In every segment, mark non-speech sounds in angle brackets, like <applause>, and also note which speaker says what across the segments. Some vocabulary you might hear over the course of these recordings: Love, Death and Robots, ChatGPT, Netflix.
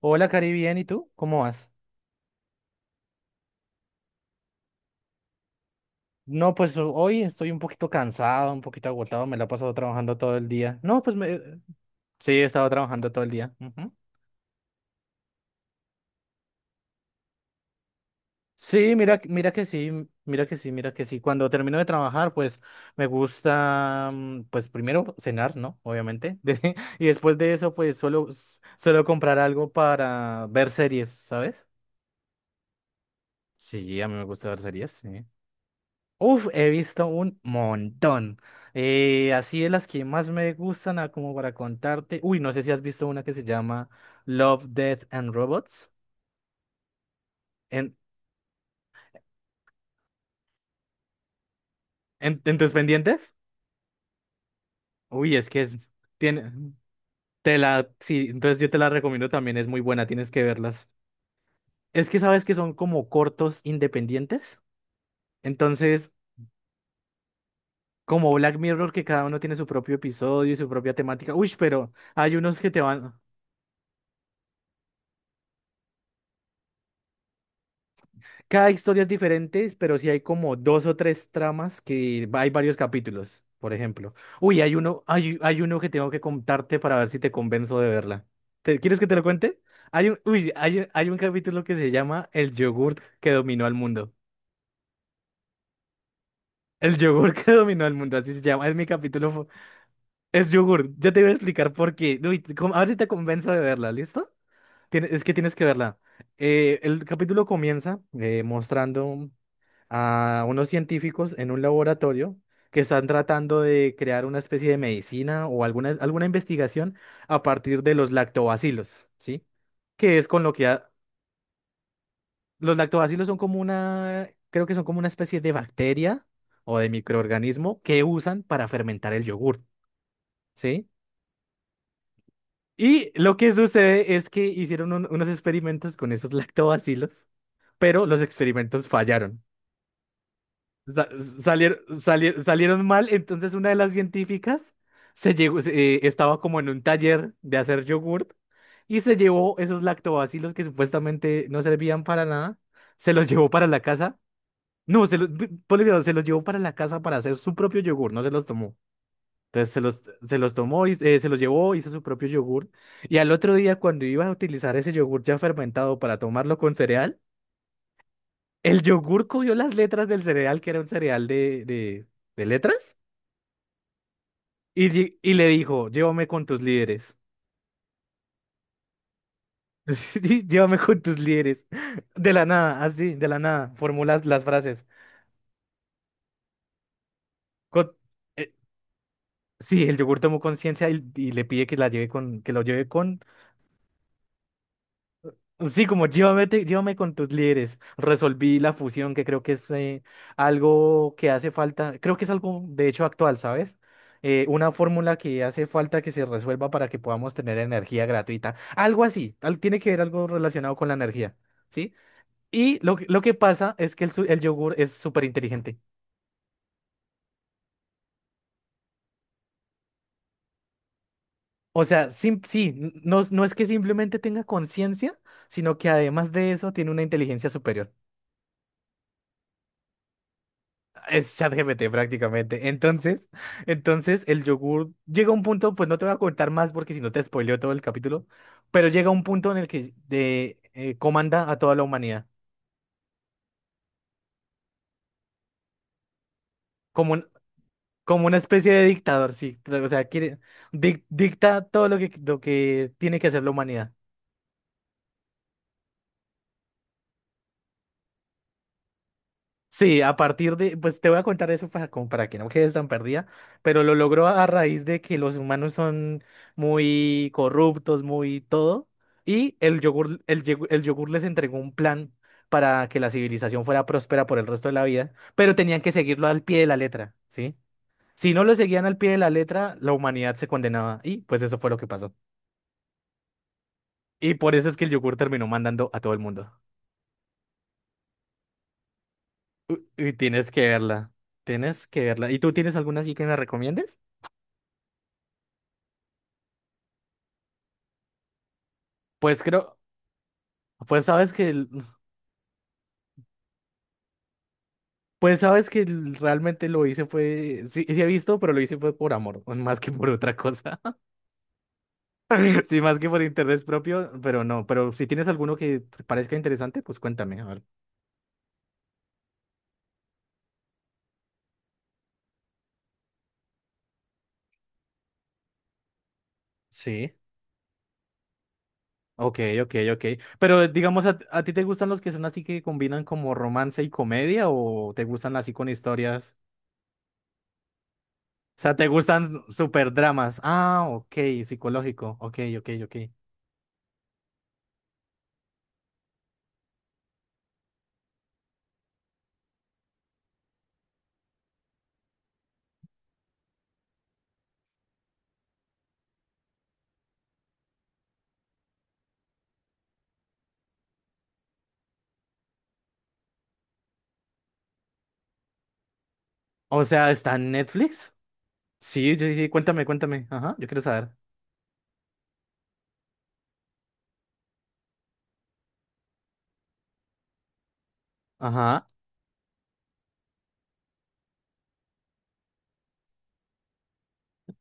Speaker 1: Hola, Cari, bien, ¿y tú? ¿Cómo vas? No, pues hoy estoy un poquito cansado, un poquito agotado, me la he pasado trabajando todo el día. No, pues me... Sí, he estado trabajando todo el día. Ujú. Sí, mira, mira que sí, mira que sí. Cuando termino de trabajar, pues me gusta, pues primero cenar, ¿no? Obviamente. <laughs> Y después de eso, pues suelo comprar algo para ver series, ¿sabes? Sí, a mí me gusta ver series, sí. Uf, he visto un montón. Así de las que más me gustan, como para contarte. Uy, no sé si has visto una que se llama Love, Death and Robots. ¿En, en tus pendientes? Uy, es que es. Tiene, te la, sí, entonces yo te la recomiendo también, es muy buena, tienes que verlas. Es que sabes que son como cortos independientes. Entonces, como Black Mirror, que cada uno tiene su propio episodio y su propia temática. Uy, pero hay unos que te van. Cada historia es diferente, pero sí hay como dos o tres tramas que hay varios capítulos, por ejemplo. Uy, hay uno, hay uno que tengo que contarte para ver si te convenzo de verla. ¿Te, quieres que te lo cuente? Hay un, uy, hay un capítulo que se llama El yogurt que dominó al mundo. El yogurt <laughs> que dominó al mundo, así se llama. Es mi capítulo. Es yogurt. Ya te voy a explicar por qué. Uy, a ver si te convenzo de verla, ¿listo? Es que tienes que verla. El capítulo comienza mostrando a unos científicos en un laboratorio que están tratando de crear una especie de medicina o alguna investigación a partir de los lactobacilos, ¿sí? Que es con lo que los lactobacilos son como una, creo que son como una especie de bacteria o de microorganismo que usan para fermentar el yogur, ¿sí? Y lo que sucede es que hicieron unos experimentos con esos <laughs> lactobacilos, pero los experimentos fallaron. Sa- Salieron mal, entonces una de las científicas se llegó, estaba como en un taller de hacer yogurt y se llevó esos lactobacilos que supuestamente no servían para nada, se los llevó para la casa. No, ponle cuidado, se los llevó para la casa para hacer su propio yogur, no se los tomó. Entonces se los tomó, y, se los llevó, hizo su propio yogur. Y al otro día, cuando iba a utilizar ese yogur ya fermentado para tomarlo con cereal, el yogur cogió las letras del cereal, que era un cereal de letras, y, y le dijo, llévame con tus líderes. <laughs> Sí, llévame con tus líderes. De la nada, así, de la nada, formulas las frases. Con- eh, sí, el yogur tomó conciencia y le pide que la lleve con, que lo lleve con. Sí, como llévame, llévame con tus líderes. Resolví la fusión, que creo que es algo que hace falta. Creo que es algo, de hecho, actual, ¿sabes? Una fórmula que hace falta que se resuelva para que podamos tener energía gratuita. Algo así. Tiene que ver algo relacionado con la energía, ¿sí? Y lo que pasa es que el yogur es súper inteligente. O sea, sí, no, no es que simplemente tenga conciencia, sino que además de eso tiene una inteligencia superior. Es ChatGPT prácticamente. Entonces el yogur llega a un punto, pues no te voy a contar más porque si no te spoileo todo el capítulo, pero llega a un punto en el que comanda a toda la humanidad, como, un- como una especie de dictador, sí. O sea, quiere, dicta todo lo que tiene que hacer la humanidad. Sí, a partir de, pues te voy a contar eso para, como para que no quedes tan perdida, pero lo logró a raíz de que los humanos son muy corruptos, muy todo, y el yogur, el yogur les entregó un plan para que la civilización fuera próspera por el resto de la vida, pero tenían que seguirlo al pie de la letra, ¿sí? Si no lo seguían al pie de la letra, la humanidad se condenaba, y pues eso fue lo que pasó. Y por eso es que el yogur terminó mandando a todo el mundo. Y tienes que verla, tienes que verla. ¿Y tú tienes alguna así que me recomiendes? Pues creo, pues sabes que, pues sabes que realmente lo hice fue, sí, sí he visto, pero lo hice fue por amor, <laughs> más que por otra cosa. <laughs> Sí, más que por interés propio, pero no, pero si tienes alguno que te parezca interesante, pues cuéntame, a ver. Sí. Ok, ok, ok. Pero digamos, a ti te gustan los que son así que combinan como romance y comedia o te gustan así con historias? O sea, ¿te gustan super dramas? Ah, ok, psicológico. Ok, ok, ok. O sea, ¿está en Netflix? Sí, sí, sí, cuéntame, cuéntame. Ajá, yo quiero saber. Ajá.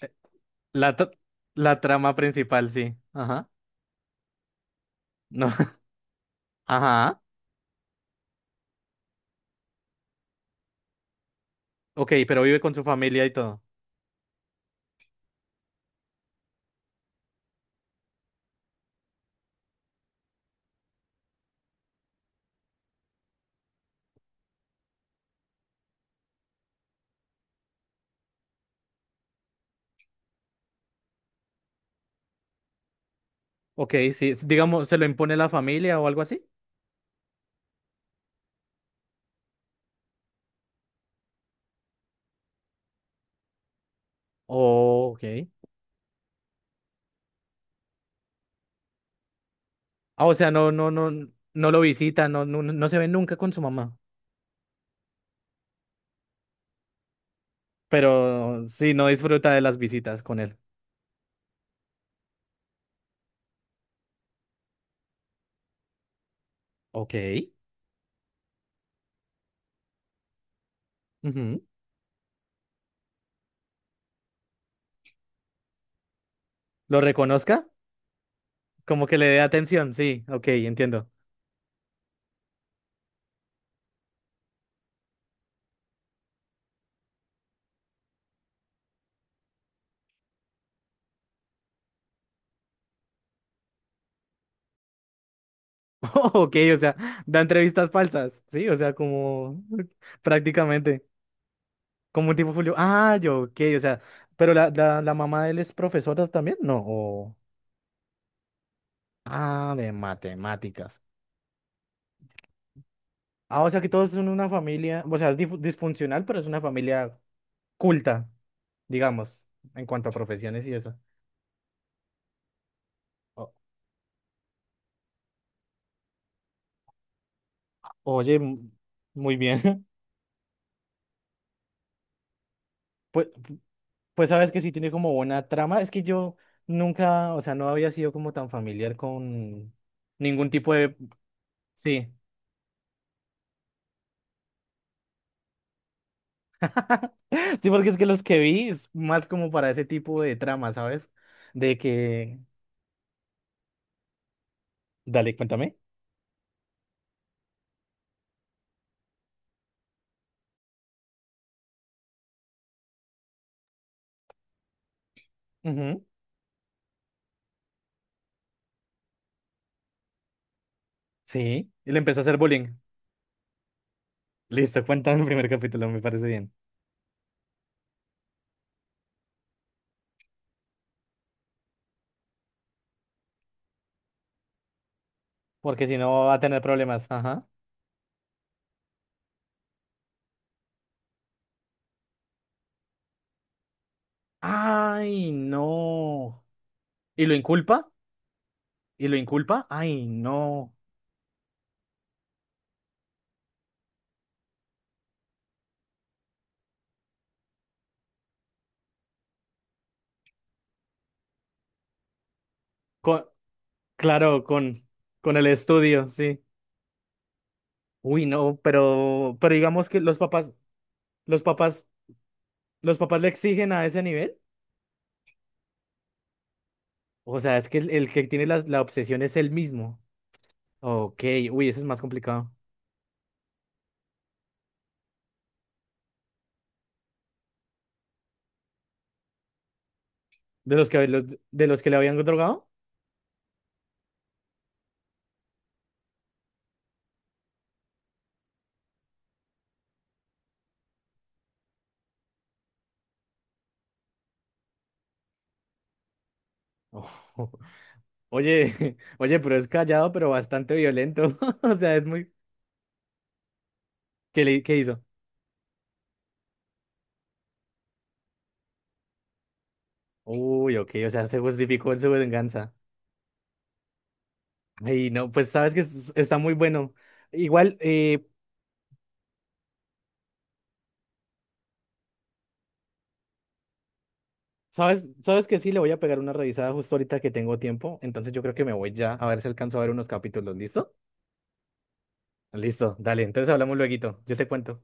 Speaker 1: eh, La, tra- la trama principal, sí. Ajá. No. <laughs> Ajá. Ok, pero vive con su familia y todo. Ok, sí. Digamos, ¿se lo impone la familia o algo así? Oh, ok. Ah, o sea, no, no, no, no lo visita, no, no no se ve nunca con su mamá. Pero sí, no disfruta de las visitas con él. Ok. Ujú. ¿Lo reconozca? Como que le dé atención, sí. Ok, entiendo. <laughs> Ok, o sea, da entrevistas falsas, sí, o sea, como <laughs> prácticamente, como un tipo Julio. Ah, yo, ok, o sea, pero la mamá de él es profesora también, ¿no? O... Ah, de matemáticas. Ah, o sea que todos son una familia, o sea, es disfuncional, pero es una familia culta, digamos, en cuanto a profesiones y eso. O- oye, m- Muy bien. <laughs> Pues, pues sabes que sí tiene como buena trama, es que yo nunca, o sea, no había sido como tan familiar con ningún tipo de. Sí. <laughs> Sí, porque es que los que vi es más como para ese tipo de trama, ¿sabes? De que... Dale, cuéntame. Ujú. Sí. Y le empezó a hacer bullying. Listo, cuéntame el primer capítulo, me parece bien. Porque si no va a tener problemas. Ajá. Ay, no. ¿Y lo inculpa? ¿Y lo inculpa? Ay, no. Con- claro, con el estudio, sí. Uy, no, pero digamos que los papás, los papás, los papás le exigen a ese nivel. O sea, es que el que tiene la obsesión es él mismo. Ok, uy, eso es más complicado. ¿De los que, de los que le habían drogado? Ojo. Oye, <laughs> oye, pero es callado, pero bastante violento. <laughs> O sea, es muy... ¿Qué, le, qué hizo? Uy, ok, o sea, se justificó en su venganza. Ay, no, pues sabes que está muy bueno. Igual, ¿sabes? ¿Sabes que sí? Le voy a pegar una revisada justo ahorita que tengo tiempo. Entonces yo creo que me voy ya a ver si alcanzo a ver unos capítulos. ¿Listo? Listo, dale. Entonces hablamos lueguito. Yo te cuento.